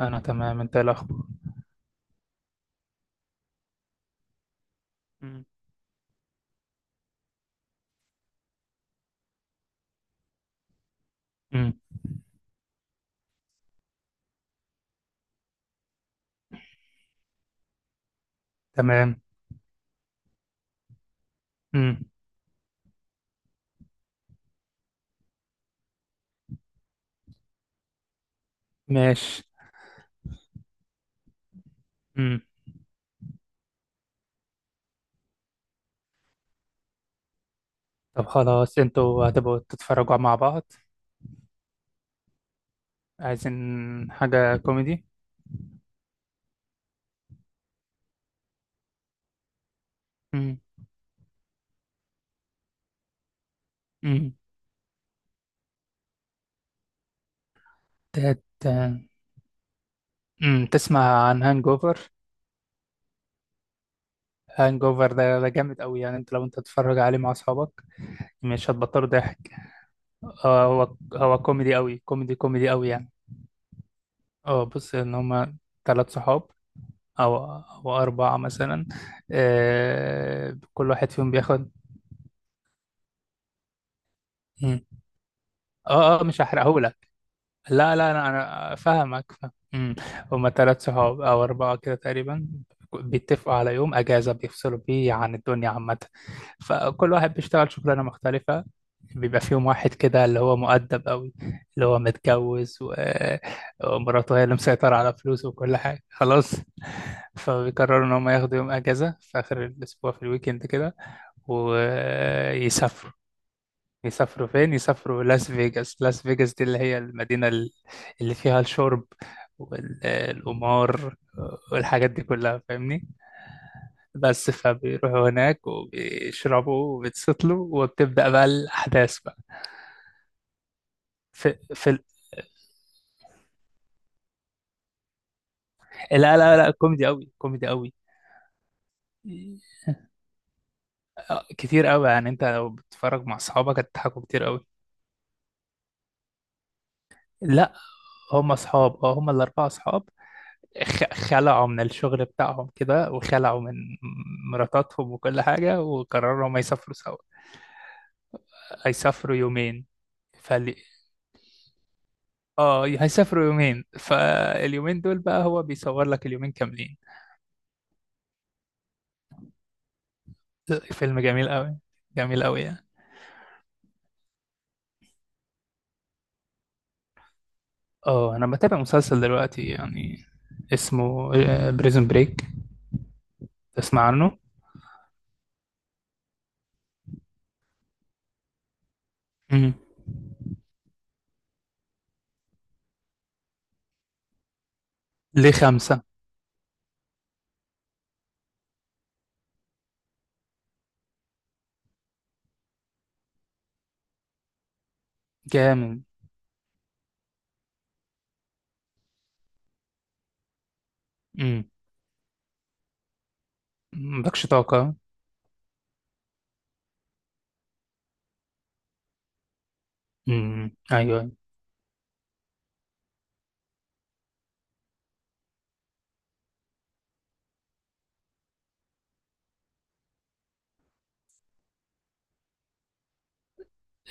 انا تمام، انت إيه الاخبار؟ مم. امم. تمام. امم. ماشي. امم. طب، خلاص، انتوا هتبقوا تتفرجوا مع بعض؟ عايزين حاجة كوميدي؟ امم. امم. تت تسمع عن هانج اوفر؟ هانج اوفر ده جامد قوي يعني. لو انت تتفرج عليه مع اصحابك مش هتبطلوا ضحك. آه، هو كوميدي قوي، كوميدي، كوميدي قوي يعني. اه، بص، ان هما ثلاث صحاب او اربعة مثلا. آه، كل واحد فيهم بياخد. اه، اه، مش هحرقهولك. لا، لا، انا فاهمك، فاهم. امم. هما تلات صحاب او اربعه كده تقريبا. بيتفقوا على يوم اجازه بيفصلوا بيه عن الدنيا عامه. فكل واحد بيشتغل شغلانه مختلفه. بيبقى فيهم واحد كده اللي هو مؤدب قوي، اللي هو متجوز و... آه، ومراته هي اللي مسيطره على فلوسه وكل حاجه خلاص. فبيقرروا ان هم ياخدوا يوم اجازه في اخر الاسبوع في الويكند كده، ويسافروا. يسافروا فين؟ يسافروا لاس فيجاس. لاس فيجاس دي اللي هي المدينة اللي فيها الشرب والقمار والحاجات دي كلها، فاهمني. بس فبيروحوا هناك وبيشربوا وبيتسطلوا، وبتبدأ بقى الأحداث بقى. في, في ال- لا، لا، لا، كوميدي أوي، كوميدي أوي. آه، كتير أوي يعني. أنت لو بتتفرج مع أصحابك هتضحكوا كتير أوي. لا، هم أصحاب. اه هم الأربعة أصحاب. خلعوا من الشغل بتاعهم كده، وخلعوا من مراتاتهم وكل حاجة، وقرروا ما يسافروا سوا. هيسافروا يومين فال اه هيسافروا يومين. فاليومين دول بقى هو بيصور لك اليومين كاملين. فيلم جميل قوي. جميل قوي يعني. اه، انا بتابع مسلسل دلوقتي يعني، اسمه بريزون بريك. تسمع عنه؟ امم. ليه خمسة. جامد. امم. مالكش طاقة. امم. ايوه.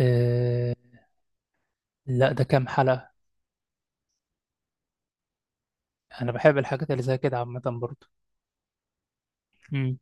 آه. لا، ده كام حلقة؟ انا بحب الحاجات اللي زي كده عامه برضه. امم.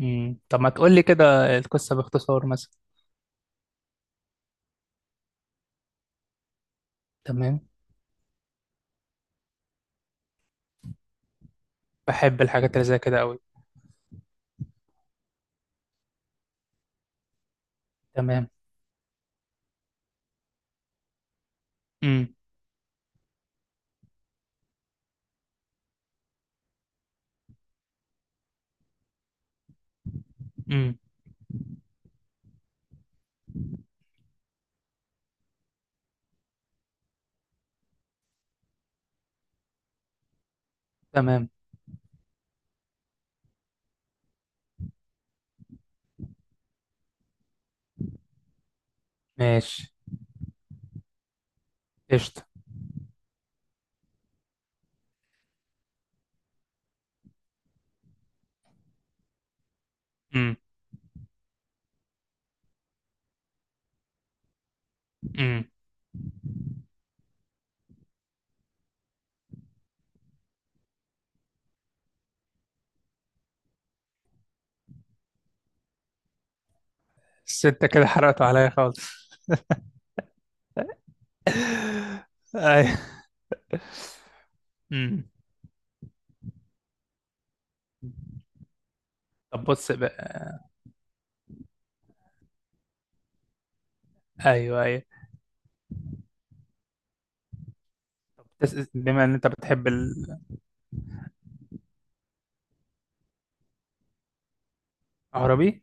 طب، ما تقول لي كده، القصه باختصار مثلا. تمام. بحب الحاجات اللي زي كده قوي. تمام. امم. امم. تمام. ماشي. قشطه. امم. امم. الستة كده حرقته عليا خالص. ايوه. امم. طب، بص بقى. ايوه، ايوه، بس بما ان انت بتحب العربي،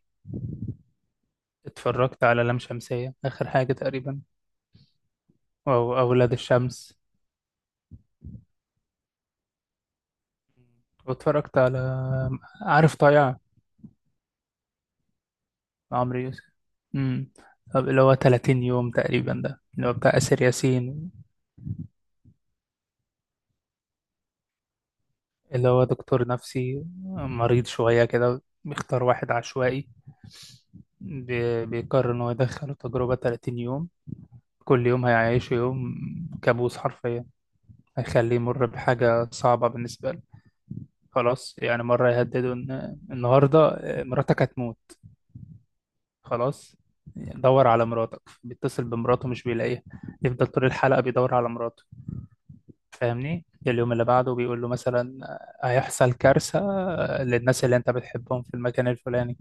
اتفرجت على لام شمسية اخر حاجة تقريبا، او اولاد الشمس. واتفرجت على، عارف طايع؟ عمرو يوسف. امم. طب، اللي هو 30 يوم تقريبا، ده اللي هو بتاع آسر ياسين. اللي هو دكتور نفسي مريض شوية كده، بيختار واحد عشوائي، بيقرر إن هو يدخله تجربة 30 يوم. كل يوم هيعيشه يوم كابوس حرفيا. هيخليه يمر بحاجة صعبة بالنسبة له، خلاص. يعني، مرة يهدده إن النهاردة مراتك هتموت، خلاص، دور على مراتك. بيتصل بمراته، مش بيلاقيها، يفضل طول الحلقة بيدور على مراته، فاهمني. اليوم اللي بعده بيقول له مثلا، آه، هيحصل كارثة للناس اللي انت بتحبهم في المكان الفلاني.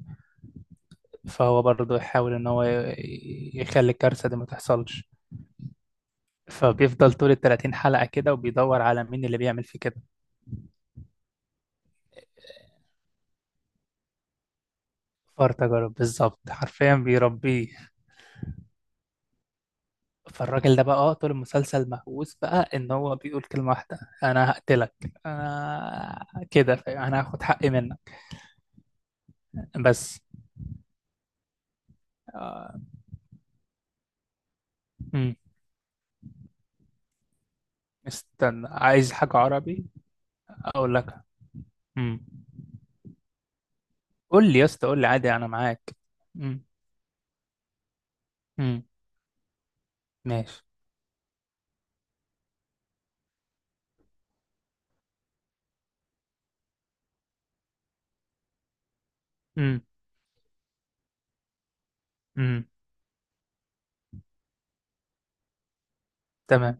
فهو برضه يحاول ان هو يخلي الكارثة دي ما تحصلش. فبيفضل طول ال 30 حلقة كده، وبيدور على مين اللي بيعمل فيه كده. فار تجارب بالظبط، حرفيا بيربيه. فالراجل ده بقى، طول المسلسل مهووس بقى ان هو بيقول كلمة واحدة: انا هقتلك، انا كده فاهم؟ انا هاخد حقي منك بس. آه، مم. استنى، عايز حاجة عربي؟ اقول لك. امم. قول لي يا اسطى، قول لي عادي، انا معاك. امم. امم. ماشي. امم. امم. تمام.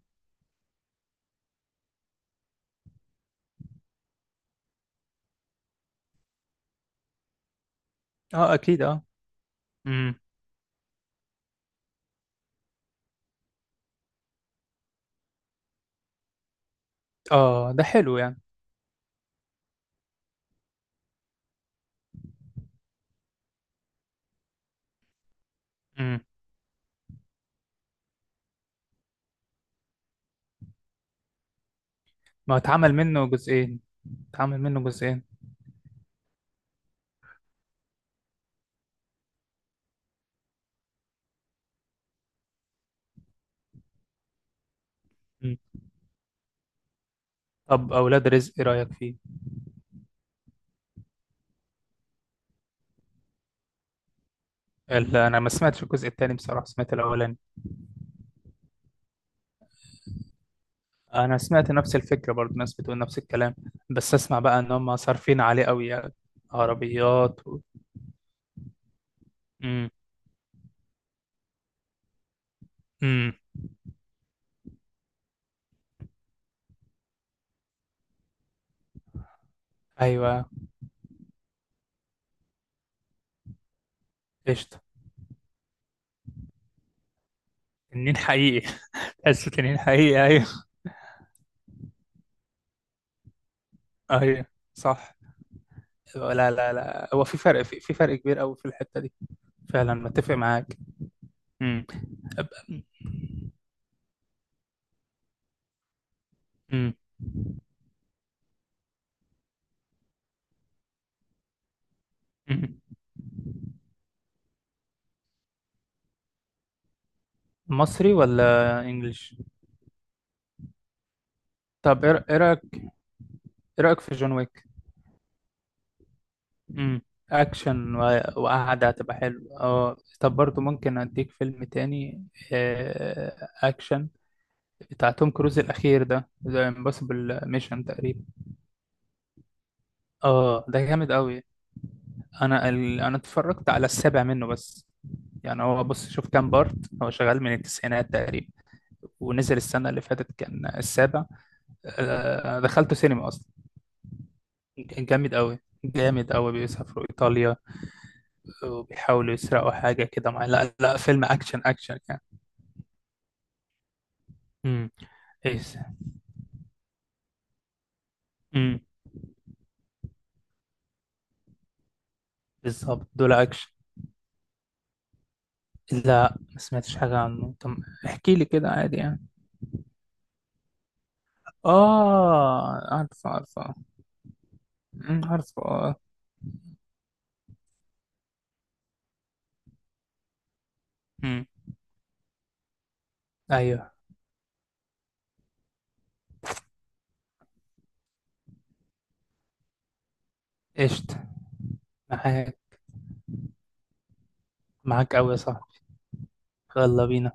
اه، اكيد، اه. امم. اه، ده حلو يعني. امم ما هو اتعمل منه جزئين. اتعمل منه جزئين. امم طب، اولاد رزق، ايه رايك فيه؟ لا، انا ما سمعتش الجزء الثاني بصراحه، سمعت الاولاني. انا سمعت نفس الفكره برضه، ناس بتقول نفس الكلام بس. اسمع بقى ان هم صارفين عليه قوي يعني، عربيات و. امم. امم. ايوه. قشطه. تنين حقيقي. تحسه تنين حقيقي. ايوه، صح. لا، لا، لا، هو في فرق، في فرق كبير قوي في الحتة دي. فعلا متفق معاك. امم. أب- امم. أمم. مصري ولا انجليش؟ طب، ايه رأيك في جون ويك. امم. اكشن وقعدة هتبقى حلو، اه. طب، برضو ممكن اديك فيلم تاني، آه، اكشن. بتاع توم كروز الاخير، ده ذا امبوسيبل ميشن تقريبا. اه، ده جامد قوي. انا اتفرجت على السابع منه بس. يعني، هو، بص، شوف كام بارت. هو شغال من التسعينات تقريبا. ونزل السنة اللي فاتت كان السابع. آه، دخلته سينما أصلا. كان جامد أوي. جامد أوي، بيسافروا إيطاليا، وبيحاولوا يسرقوا حاجة كده، لا، لا، فيلم أكشن، أكشن يعني. امم. إيه. امم. بالظبط، دول أكشن. لا، ما سمعتش حاجة عنه. طب، احكي لي كده عادي يعني. آه، عارفه، عارفه. أمم، عارفه، آه. أمم، أيوه. قشطة. معاك، معاك أوي يا صاحبي. يلا بينا.